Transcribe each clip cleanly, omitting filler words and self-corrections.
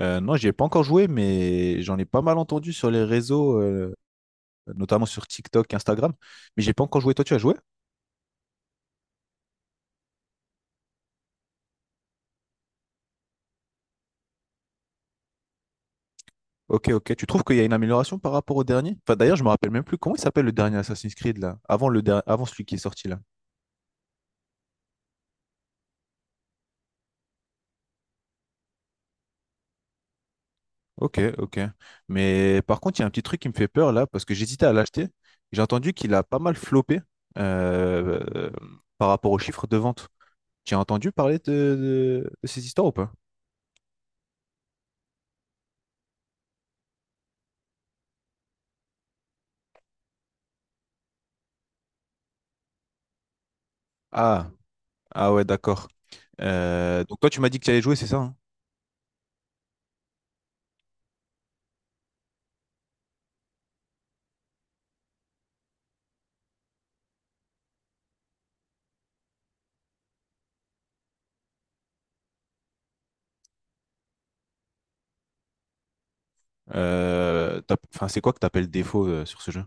Non, j'y ai pas encore joué, mais j'en ai pas mal entendu sur les réseaux, notamment sur TikTok, Instagram. Mais j'ai pas encore joué. Toi, tu as joué? Ok, ok. Tu trouves qu'il y a une amélioration par rapport au dernier? Enfin, d'ailleurs, je me rappelle même plus comment il s'appelle le dernier Assassin's Creed là, avant avant celui qui est sorti là. Ok, ok. Mais par contre, il y a un petit truc qui me fait peur là, parce que j'hésitais à l'acheter. J'ai entendu qu'il a pas mal floppé euh, euh, par rapport aux chiffres de vente. Tu as entendu parler de ces histoires ou pas? Ah, ah ouais, d'accord. Donc toi, tu m'as dit que tu allais jouer, c'est ça, hein? Enfin, c'est quoi que t'appelles défaut sur ce jeu?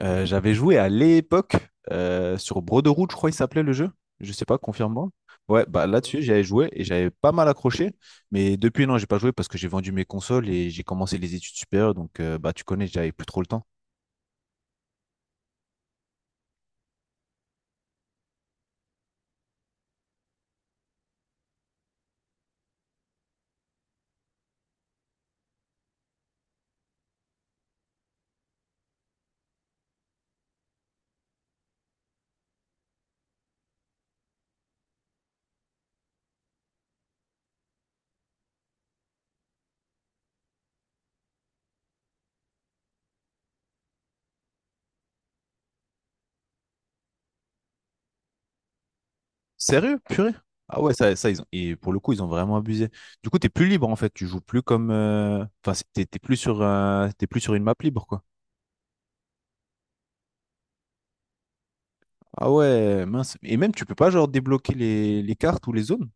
J'avais joué à l'époque sur Brotherhood, je crois il s'appelait le jeu. Je sais pas, confirme-moi. Ouais, bah là-dessus, j'avais joué et j'avais pas mal accroché. Mais depuis, non, j'ai pas joué parce que j'ai vendu mes consoles et j'ai commencé les études supérieures. Donc, bah, tu connais, j'avais plus trop le temps. Sérieux? Purée? Ah ouais, ça ils ont. Et pour le coup, ils ont vraiment abusé. Du coup, t'es plus libre en fait, tu joues plus comme, enfin, t'es plus sur, t'es plus sur une map libre, quoi. Ah ouais, mince. Et même, tu peux pas genre débloquer les cartes ou les zones?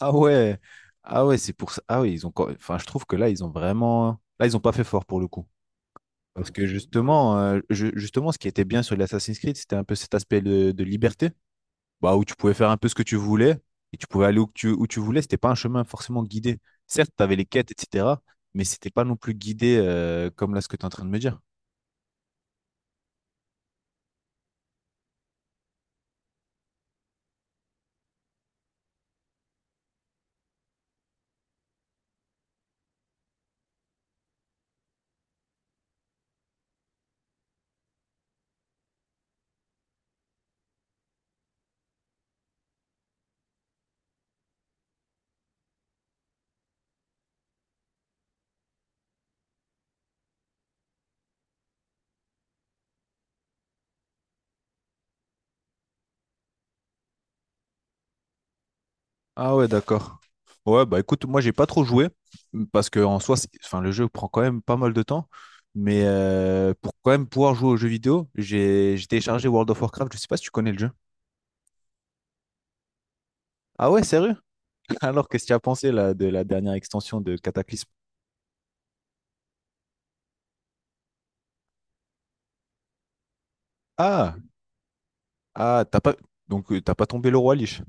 Ah ouais, ah ouais, c'est pour ça. Ah oui, ils ont, enfin, je trouve que là, ils ont vraiment. Là, ils ont pas fait fort pour le coup. Parce que justement, justement, ce qui était bien sur l'Assassin's Creed, c'était un peu cet aspect de liberté. Bah, où tu pouvais faire un peu ce que tu voulais et tu pouvais aller où tu voulais. C'était pas un chemin forcément guidé. Certes, tu avais les quêtes, etc., mais c'était pas non plus guidé comme là ce que tu es en train de me dire. Ah ouais, d'accord. Ouais, bah écoute, moi j'ai pas trop joué parce que en soi, enfin, le jeu prend quand même pas mal de temps. Mais pour quand même pouvoir jouer aux jeux vidéo, j'ai téléchargé World of Warcraft. Je sais pas si tu connais le jeu. Ah ouais, sérieux? Alors, qu'est-ce que tu as pensé là, de la dernière extension de Cataclysme? Ah, ah, t'as pas donc t'as pas tombé le roi Lich.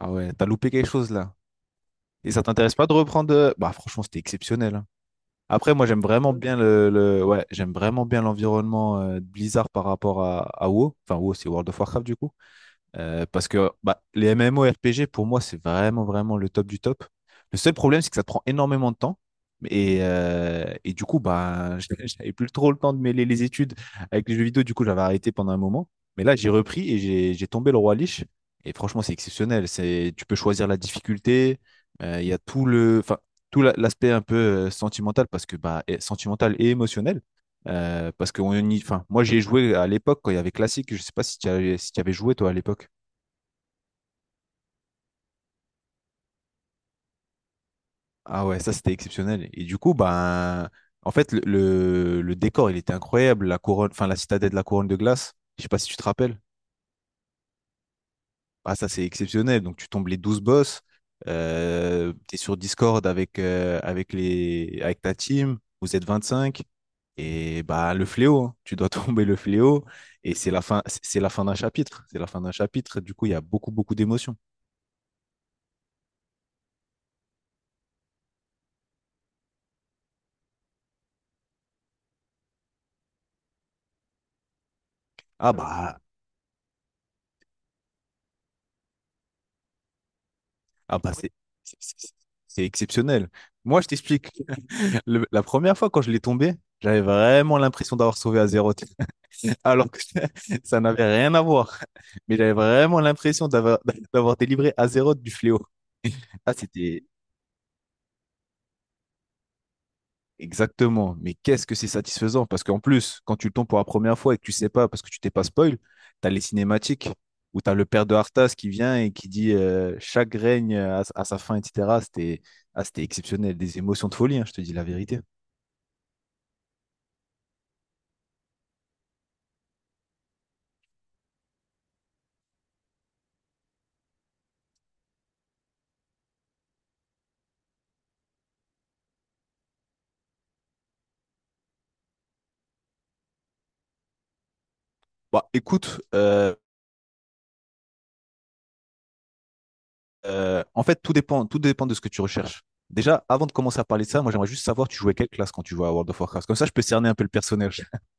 Ah ouais, t'as loupé quelque chose là. Et ça t'intéresse pas de reprendre? Bah franchement, c'était exceptionnel, hein. Après, moi j'aime vraiment bien ouais, j'aime vraiment bien l'environnement de Blizzard par rapport à WoW. Enfin WoW, c'est World of Warcraft du coup. Parce que bah, les MMORPG, pour moi, c'est vraiment, vraiment le top du top. Le seul problème, c'est que ça prend énormément de temps. Et du coup, bah, j'avais plus trop le temps de mêler les études avec les jeux vidéo. Du coup, j'avais arrêté pendant un moment. Mais là, j'ai repris et j'ai tombé le roi Lich. Et franchement, c'est exceptionnel. Tu peux choisir la difficulté. Il y a tout le, enfin, l'aspect un peu sentimental parce que bah, sentimental et émotionnel. Parce que enfin, moi, j'ai joué à l'époque quand il y avait classique. Je sais pas si tu avais joué toi à l'époque. Ah ouais, ça c'était exceptionnel. Et du coup, ben, en fait, le décor, il était incroyable. La couronne, enfin, la citadelle de la couronne de glace. Je sais pas si tu te rappelles. Ah, ça c'est exceptionnel. Donc, tu tombes les 12 boss. Tu es sur Discord avec ta team. Vous êtes 25. Et bah, le fléau, hein. Tu dois tomber le fléau. Et c'est la fin, c'est la fin d'un chapitre. C'est la fin d'un chapitre. Du coup, il y a beaucoup, beaucoup d'émotions. Ah bah, ah bah, c'est- c'est- c'est exceptionnel. Moi, je t'explique. La première fois quand je l'ai tombé, j'avais vraiment l'impression d'avoir sauvé à zéro, alors que ça n'avait rien à voir. Mais j'avais vraiment l'impression d'avoir d'avoir délivré à zéro du fléau. Ah, c'était exactement. Mais qu'est-ce que c'est satisfaisant? Parce qu'en plus, quand tu le tombes pour la première fois et que tu sais pas, parce que tu t'es pas spoil, tu as les cinématiques où tu as le père de Arthas qui vient et qui dit chaque règne à sa fin, etc. C'était exceptionnel. Des émotions de folie, hein, je te dis la vérité. Bah, écoute, en fait, tout dépend de ce que tu recherches. Déjà, avant de commencer à parler de ça, moi, j'aimerais juste savoir, tu jouais quelle classe quand tu jouais à World of Warcraft? Comme ça, je peux cerner un peu le personnage.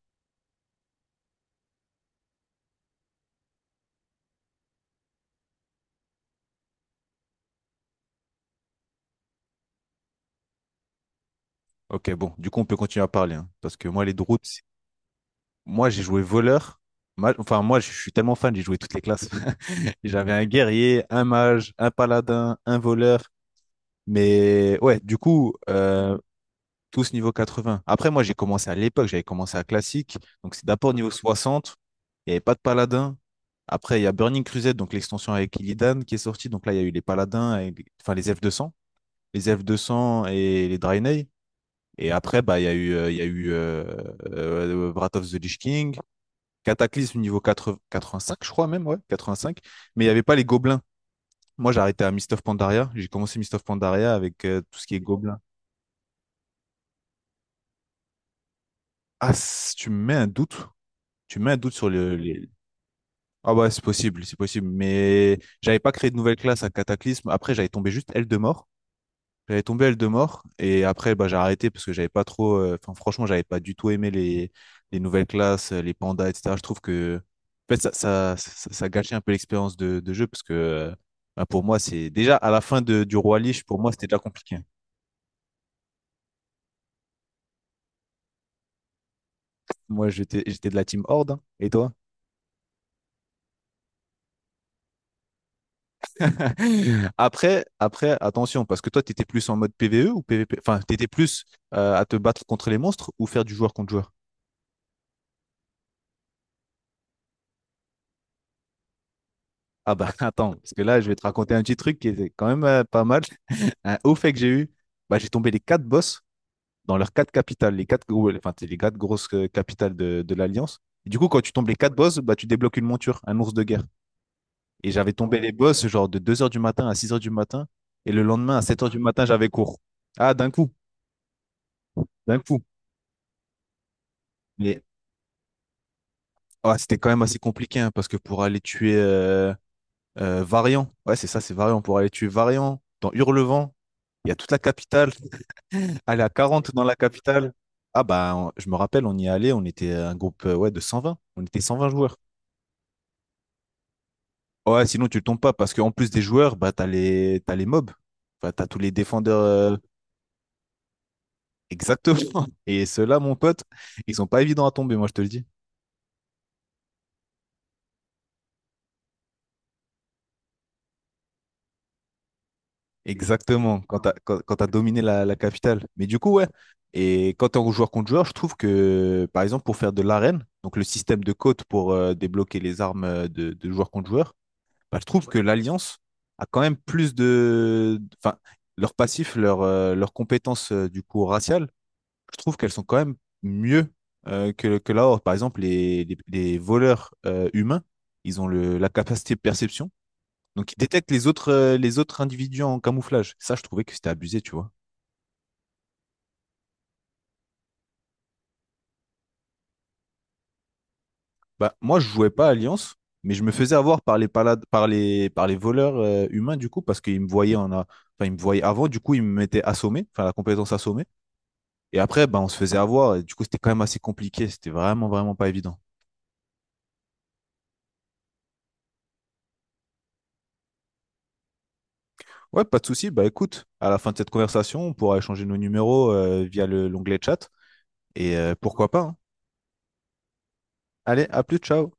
Ok, bon, du coup, on peut continuer à parler, hein, parce que moi, les drones, moi, j'ai joué voleur. Enfin, moi, je suis tellement fan, j'ai joué toutes les classes. J'avais un guerrier, un mage, un paladin, un voleur. Mais ouais, du coup, tous niveau 80. Après, moi, j'ai commencé à l'époque, j'avais commencé à classique. Donc, c'est d'abord niveau 60. Il n'y avait pas de paladin. Après, il y a Burning Crusade, donc l'extension avec Illidan qui est sortie. Donc là, il y a eu les paladins, enfin les F200 et les Draenei. Et après, bah, il y a eu, il y a eu Wrath of the Lich King, Cataclysme niveau 80 85, je crois même, ouais, 85. Mais il n'y avait pas les gobelins. Moi, j'ai arrêté à Mist of Pandaria. J'ai commencé Mist of Pandaria avec tout ce qui est gobelins. Ah, tu me mets un doute. Tu mets un doute sur le, les-. Ah ouais, c'est possible, c'est possible. Mais j'avais pas créé de nouvelle classe à Cataclysme. Après, j'avais tombé juste L de mort. J'avais tombé L de mort. Et après, bah, j'ai arrêté parce que j'avais pas trop. Enfin, franchement, j'avais pas du tout aimé les nouvelles classes, les pandas, etc. Je trouve que. En fait, ça gâchait un peu l'expérience de jeu parce que bah, pour moi, c'est. Déjà, à la fin du Roi Lich, pour moi, c'était déjà compliqué. Moi, j'étais de la team Horde, hein. Et toi? Après, après, attention, parce que toi, tu étais plus en mode PVE ou PVP? Enfin, tu étais plus à te battre contre les monstres ou faire du joueur contre joueur? Ah bah attends, parce que là, je vais te raconter un petit truc qui était quand même pas mal. Un haut fait que j'ai eu, bah, j'ai tombé les quatre boss dans leurs quatre capitales, les quatre, enfin, c'est les quatre grosses capitales de l'Alliance. Et du coup, quand tu tombes les quatre boss, bah, tu débloques une monture, un ours de guerre. Et j'avais tombé les boss genre de 2 h du matin à 6 h du matin. Et le lendemain, à 7 h du matin, j'avais cours. Ah, d'un coup, d'un coup. Mais ouais, c'était quand même assez compliqué hein, parce que pour aller tuer Variant, ouais, c'est ça, c'est Variant. Pour aller tuer Variant dans Hurlevent, il y a toute la capitale. Aller à 40 dans la capitale. Ah bah, je me rappelle, on y est allé, on était un groupe ouais, de 120. On était 120 joueurs. Ouais, sinon tu tombes pas parce qu'en plus des joueurs, bah, t'as les mobs. Enfin, t'as tous les défendeurs. Exactement. Et ceux-là, mon pote, ils sont pas évidents à tomber, moi, je te le dis. Exactement, quand tu as, quand, quand t'as dominé la capitale. Mais du coup, ouais. Et quand tu es en joueur contre joueur, je trouve que, par exemple, pour faire de l'arène, donc le système de côte pour débloquer les armes de joueur contre joueur, bah, je trouve que l'Alliance a quand même plus de, enfin, leur passif, leur, leurs compétences du coup raciales, je trouve qu'elles sont quand même mieux que la Horde. Par exemple, les voleurs humains, ils ont la capacité de perception donc, il détecte les autres individus en camouflage. Ça, je trouvais que c'était abusé, tu vois. Bah, moi, je jouais pas à Alliance, mais je me faisais avoir par les voleurs humains, du coup, parce qu'ils me voyaient enfin, ils me voyaient avant, du coup, ils me mettaient assommé, enfin, la compétence assommée. Et après, bah, on se faisait avoir, et du coup, c'était quand même assez compliqué. C'était vraiment, vraiment pas évident. Ouais, pas de souci. Bah, écoute, à la fin de cette conversation, on pourra échanger nos numéros via l'onglet chat. Et pourquoi pas, hein. Allez, à plus, ciao.